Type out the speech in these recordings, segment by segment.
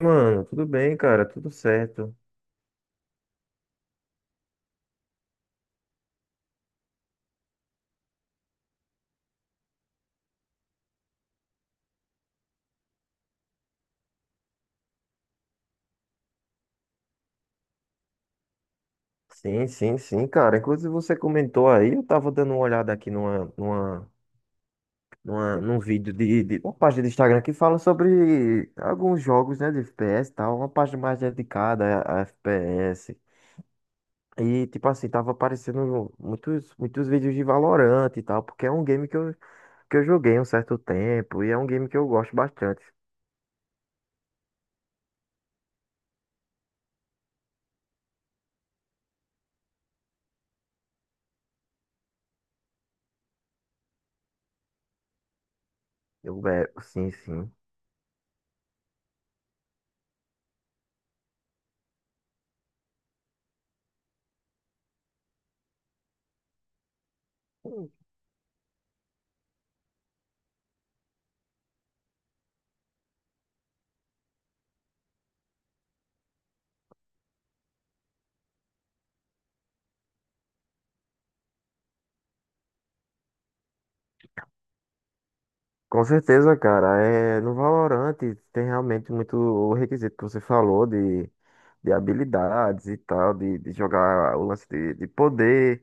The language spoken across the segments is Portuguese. Mano, tudo bem, cara, tudo certo. Sim, sim, sim, cara. Inclusive você comentou aí, eu tava dando uma olhada aqui num vídeo de uma página do Instagram que fala sobre alguns jogos, né, de FPS e tal, uma página mais dedicada a FPS. E, tipo assim, tava aparecendo muitos, muitos vídeos de Valorant e tal, porque é um game que eu joguei um certo tempo e é um game que eu gosto bastante. Eu, é, sim, sim. Com certeza, cara. É, no Valorant tem realmente muito o requisito que você falou de habilidades e tal, de jogar o lance de poder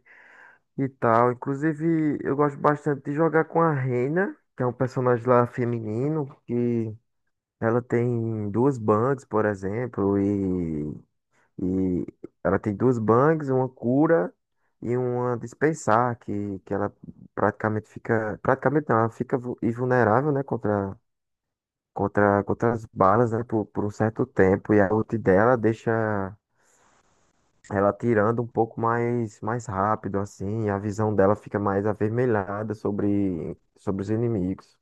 e tal. Inclusive, eu gosto bastante de jogar com a Reina, que é um personagem lá feminino, que ela tem duas bangs, por exemplo, e ela tem duas bangs, uma cura e uma dispensar, que ela praticamente fica. Praticamente não, ela fica invulnerável, né, contra as balas, né, por um certo tempo. E a ult dela deixa ela atirando um pouco mais rápido, assim, e a visão dela fica mais avermelhada sobre os inimigos.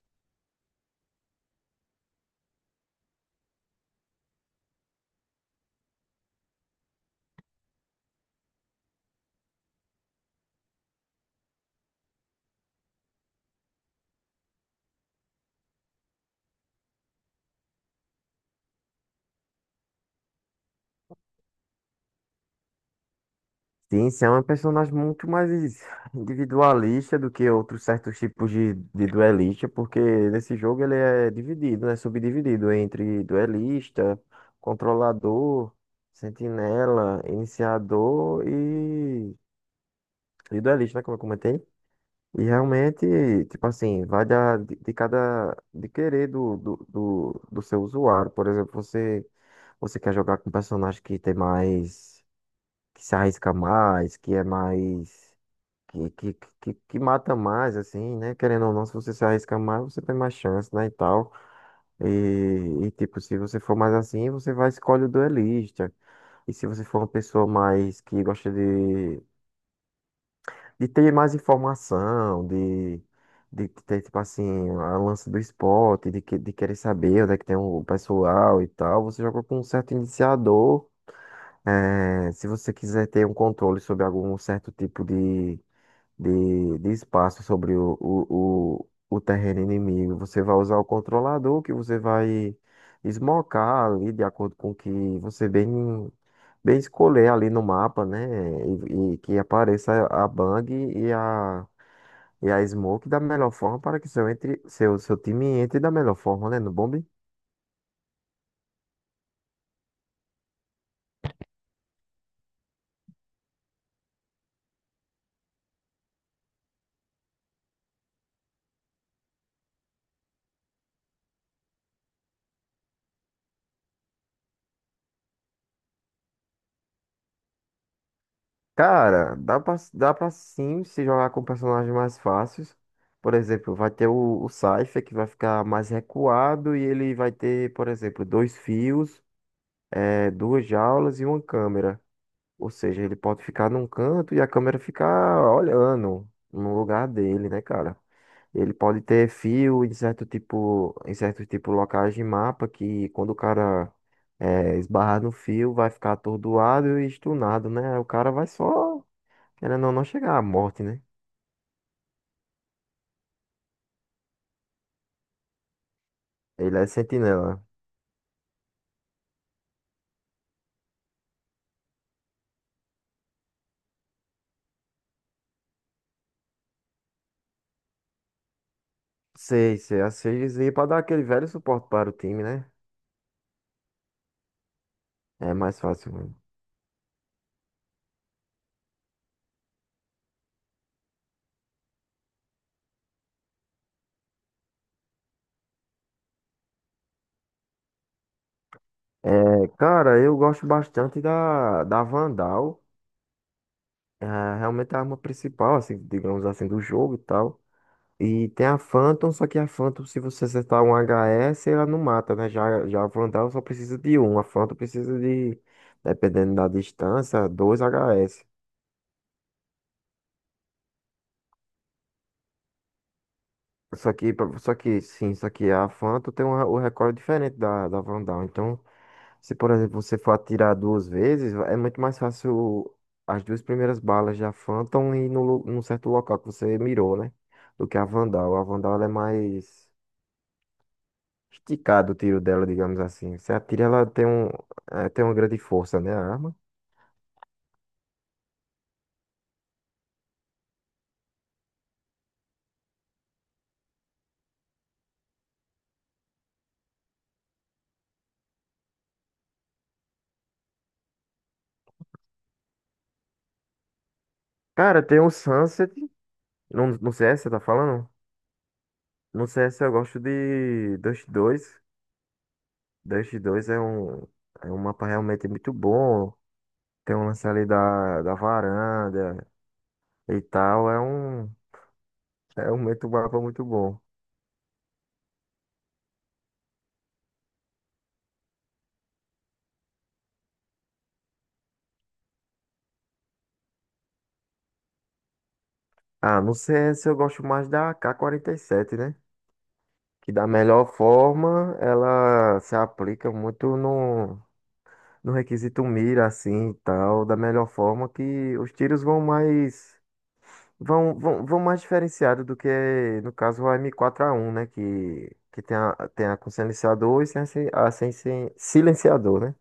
Sim, Sam é um personagem muito mais individualista do que outros certos tipos de duelista, porque nesse jogo ele é dividido, né? Subdividido entre duelista, controlador, sentinela, iniciador e duelista, né? Como eu comentei. E realmente, tipo assim, vai de cada, de querer do seu usuário. Por exemplo, você, você quer jogar com um personagem que tem mais, que se arrisca mais, que é mais, que, que, que mata mais, assim, né? Querendo ou não, se você se arrisca mais, você tem mais chance, né, e tal. E, e tipo, se você for mais assim, você vai escolher o duelista. E se você for uma pessoa mais que gosta de ter mais informação, de ter, tipo assim, a lance do esporte, de querer saber onde é que tem o pessoal e tal, você joga com um certo iniciador. É, se você quiser ter um controle sobre algum certo tipo de espaço sobre o terreno inimigo. Você vai usar o controlador que você vai esmocar ali de acordo com o que você bem escolher ali no mapa, né? E que apareça a Bang e a Smoke da melhor forma para que seu time entre da melhor forma, né? No bomb. Cara, dá pra sim se jogar com personagens mais fáceis. Por exemplo, vai ter o Cypher que vai ficar mais recuado e ele vai ter, por exemplo, dois fios, duas jaulas e uma câmera. Ou seja, ele pode ficar num canto e a câmera ficar olhando no lugar dele, né, cara? Ele pode ter fio em certo tipo locais de mapa que quando o cara esbarrar no fio vai ficar atordoado e stunado, né? O cara vai só. Querendo ou não chegar à morte, né? Ele é sentinela. Sei, sei, a seis e pra dar aquele velho suporte para o time, né? É mais fácil mesmo. É, cara, eu gosto bastante da Vandal. É realmente a arma principal, assim, digamos assim, do jogo e tal. E tem a Phantom, só que a Phantom, se você acertar um HS, ela não mata, né? Já a Vandal só precisa de um. A Phantom precisa de, dependendo da distância, dois HS. Só que, pra- só que, sim, só que a Fanta tem o recorde diferente da Vandal. Então, se por exemplo você for atirar duas vezes, é muito mais fácil as duas primeiras balas da Fanta ir no, lu- num certo local que você mirou, né? Do que a Vandal. A Vandal ela é mais esticado o tiro dela, digamos assim. Você atira, ela tem tem uma grande força, né? A arma. Cara, tem o Sunset. No CS, você tá falando? No CS eu gosto de Dust 2. Dust dois é um mapa realmente muito bom. Tem um lance ali da varanda e tal. É realmente um mapa muito bom. Ah, no CS eu gosto mais da AK-47, né? Que da melhor forma ela se aplica muito no requisito mira, assim e tal. Da melhor forma que os tiros vão mais. Vão mais diferenciado do que, no caso, o M4A1, né? Que tem a, tem a com silenciador e sem, a sem silenciador, né?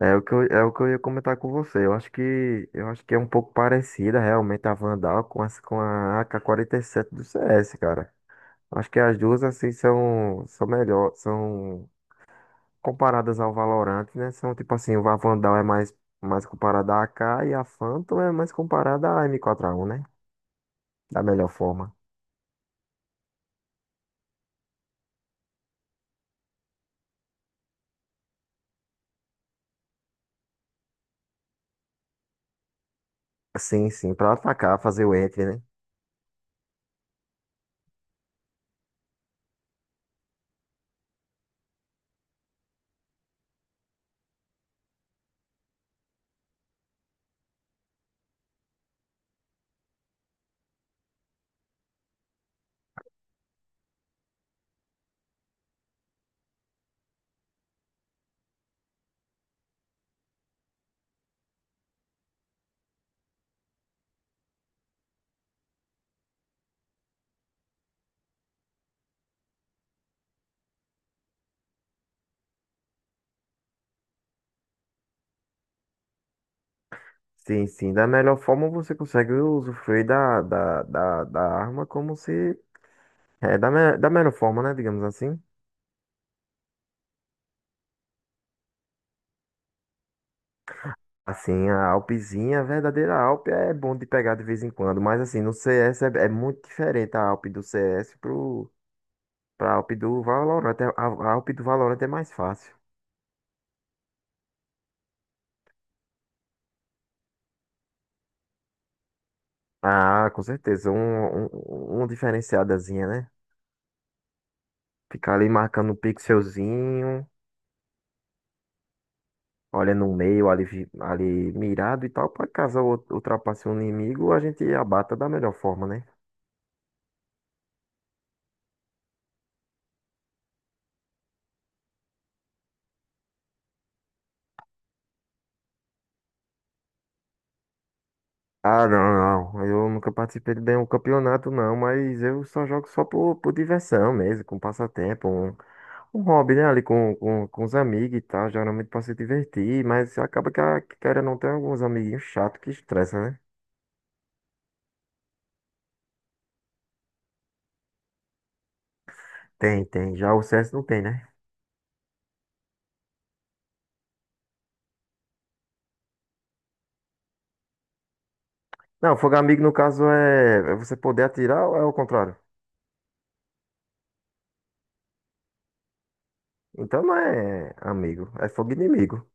É o que eu ia comentar com você. Eu acho que é um pouco parecida realmente a Vandal com a AK7 do CS, cara. Acho que as duas, assim, são melhor, são comparadas ao Valorant, né? São tipo assim, a Vandal é mais, mais comparada à AK e a Phantom é mais comparada à M4A1, né? Da melhor forma. Sim, sim, para atacar, fazer o entry, né? Sim, sim, da melhor forma você consegue usufruir da arma como se... É, da melhor forma, né? Digamos assim. Assim, a Alpzinha, a verdadeira Alp é bom de pegar de vez em quando, mas assim, no CS é muito diferente a Alp do CS pra Alp do Valorant. A Alp do Valorant é mais fácil. Ah, com certeza, um diferenciadazinha, né? Ficar ali marcando um pixelzinho, olha no meio ali, ali mirado e tal, para caso eu ultrapasse um inimigo, a gente abata da melhor forma, né? Ah, não, não. Eu nunca participei de nenhum campeonato, não, mas eu só jogo só por diversão mesmo, com passatempo, um hobby, né? Ali com os amigos e tal, geralmente pra se divertir, mas acaba que querendo não tem alguns amiguinhos chatos que estressa, né? Tem, tem. Já o CS não tem, né? Não, fogo amigo no caso é você poder atirar ou é o contrário? Então não é amigo, é fogo inimigo.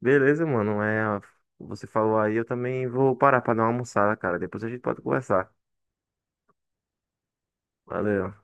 Beleza, mano. É, você falou aí, eu também vou parar pra dar uma almoçada, cara. Depois a gente pode conversar. Valeu.